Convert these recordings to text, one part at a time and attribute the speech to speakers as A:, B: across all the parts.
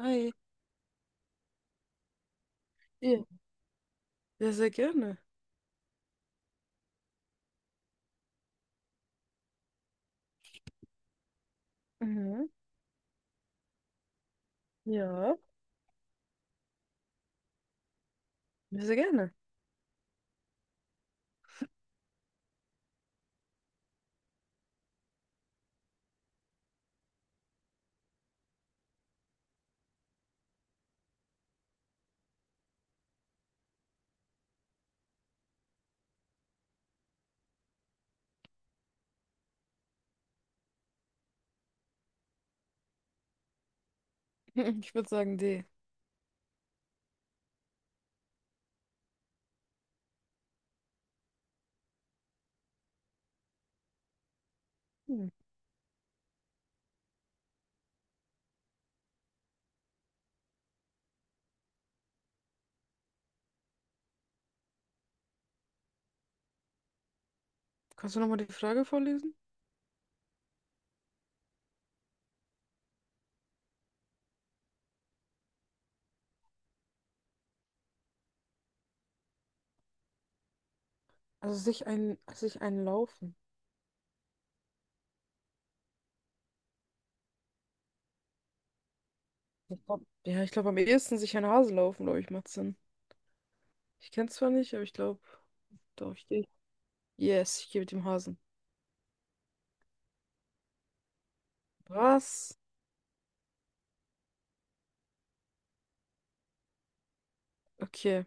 A: Hi. Ja. Ja, sehr gerne. Mhm. Ja, ja, sehr gerne. Ich würde sagen, D. Hm. Kannst du nochmal die Frage vorlesen? Also sich ein Laufen. Ich glaube am ehesten sich ein Hase laufen, glaube ich, macht Sinn. Ich kenne zwar nicht, aber ich glaube, doch, ich gehe. Yes, ich gehe mit dem Hasen. Was? Okay.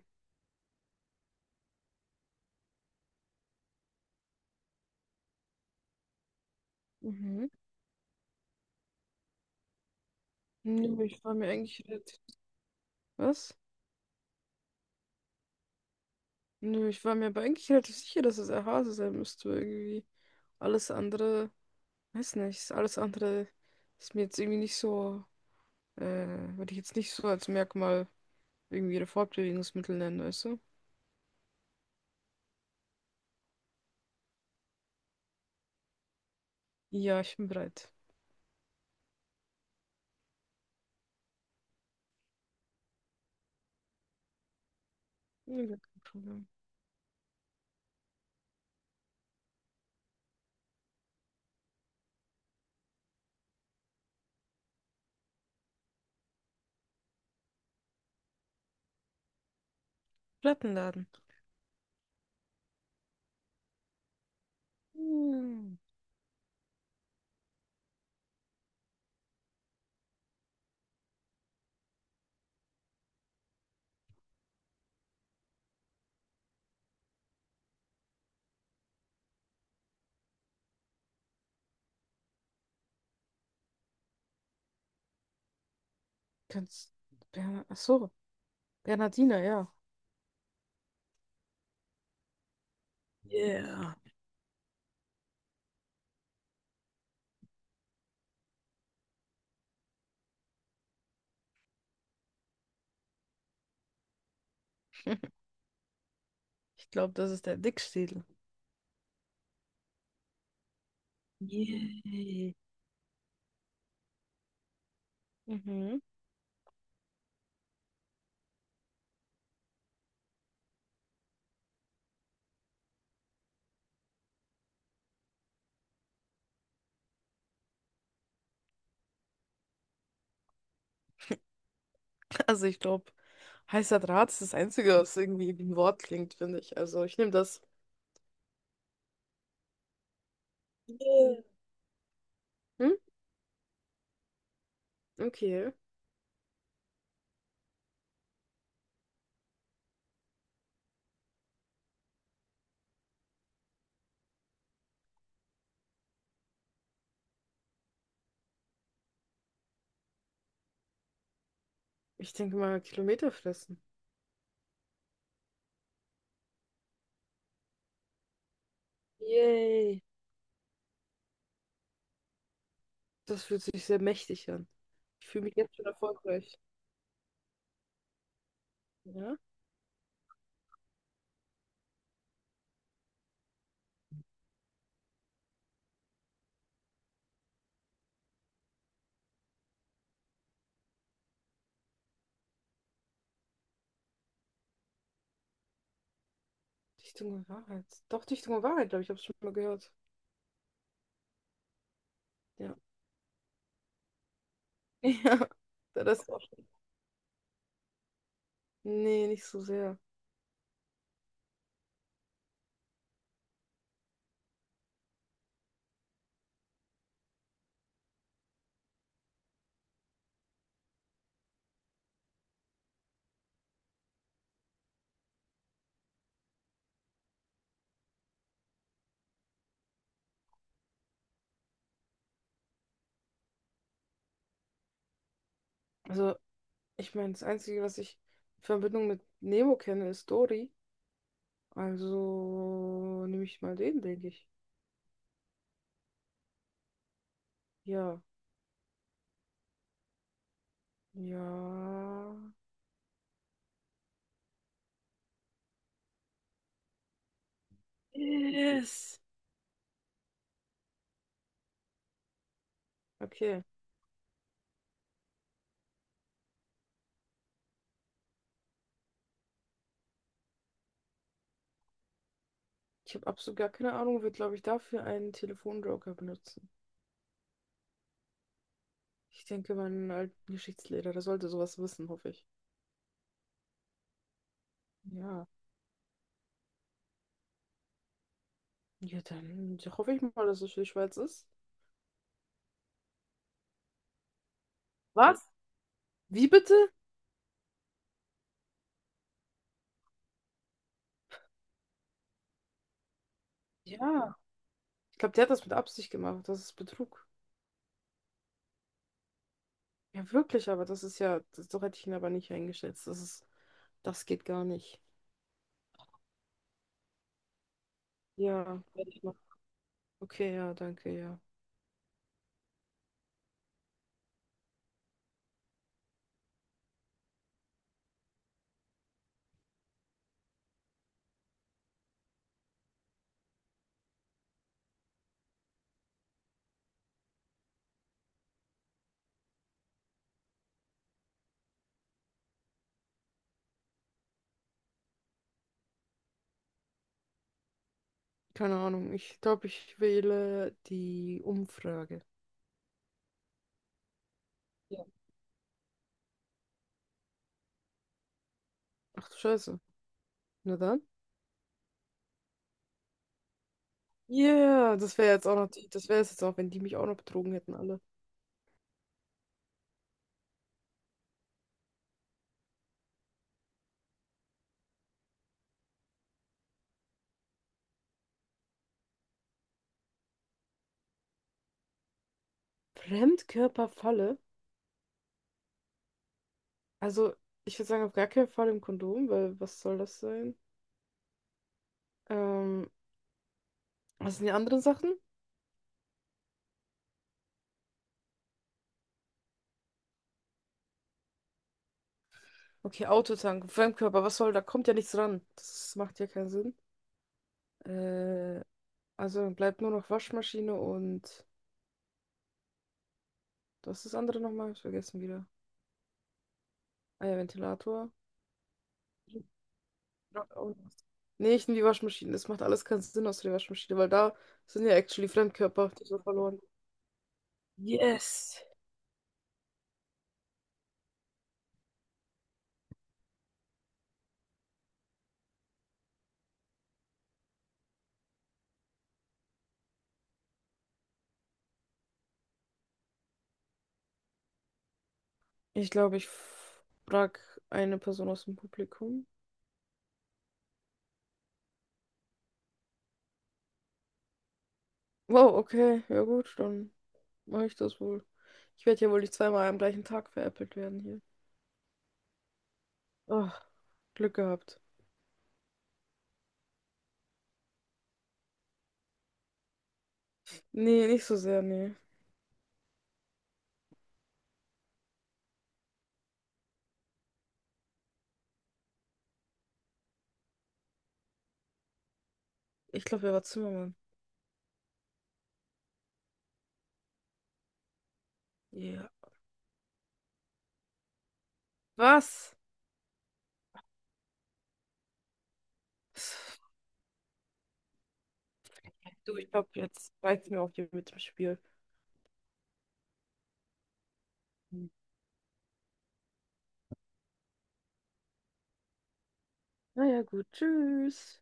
A: Mhm. Nö, ich war mir eigentlich relativ. Was? Nö, ich war mir aber eigentlich relativ sicher, dass es ein Hase sein müsste, irgendwie. Alles andere. Weiß nicht, alles andere ist mir jetzt irgendwie nicht so, äh, würde ich jetzt nicht so als Merkmal irgendwie ihre Fortbewegungsmittel nennen, weißt du? Ja, ich bin bereit. Ja, gar kein Problem. Plattenladen. Hm, kannst, ach so, Bernhardiner, ja. Yeah. Ich glaube, das ist der Dickschädel. Yay. Mhm. Also ich glaube, heißer Draht ist das Einzige, was irgendwie wie ein Wort klingt, finde ich. Also ich nehme das. Yeah. Hm? Okay. Ich denke mal, Kilometer fressen. Yay. Das fühlt sich sehr mächtig an. Ich fühle mich jetzt schon erfolgreich. Ja? Dichtung und Wahrheit. Doch, Dichtung und Wahrheit, glaube ich, habe ich schon mal gehört. Ja. Ja. Da Das auch schon. Nee, nicht so sehr. Also, ich meine, das Einzige, was ich in Verbindung mit Nemo kenne, ist Dory. Also nehme ich mal den, denke ich. Ja. Ja. Yes. Okay. Ich habe absolut gar keine Ahnung, wird, glaube ich, dafür einen Telefonjoker benutzen. Ich denke, mein alten Geschichtslehrer, der sollte sowas wissen, hoffe ich. Ja. Ja, dann ja, hoffe ich mal, dass es für die Schweiz ist. Was? Wie bitte? Ja. Ich glaube, der hat das mit Absicht gemacht. Das ist Betrug. Ja, wirklich, aber das ist ja, das, so hätte ich ihn aber nicht eingeschätzt. Das ist, das geht gar nicht. Ja, werde ich machen. Okay, ja, danke, ja. Keine Ahnung. Ich glaube, ich wähle die Umfrage. Ja. Ach du Scheiße. Na dann. Ja, yeah, das wäre jetzt auch noch, die- das wäre es jetzt auch, wenn die mich auch noch betrogen hätten, alle. Fremdkörperfalle? Also, ich würde sagen, auf gar keinen Fall im Kondom, weil was soll das sein? Ähm, was sind die anderen Sachen? Okay, Autotank, Fremdkörper, was soll, da kommt ja nichts ran. Das macht ja keinen Sinn. Äh, also dann bleibt nur noch Waschmaschine und was ist das andere nochmal? Ich vergessen wieder. Ah ja, Ventilator. Ja, auch noch. Nee, ich nehme die Waschmaschine. Das macht alles keinen Sinn außer der Waschmaschine, weil da sind ja actually Fremdkörper, die so verloren. Yes! Ich glaube, ich frage eine Person aus dem Publikum. Wow, okay, ja gut, dann mache ich das wohl. Ich werde ja wohl nicht zweimal am gleichen Tag veräppelt werden hier. Oh, Glück gehabt. Nee, nicht so sehr, nee. Ich glaube, er war Zimmermann. Ja. Was? Du, ich glaube, jetzt reizt mir auch hier mit dem Spiel. Hm. Naja, gut, tschüss.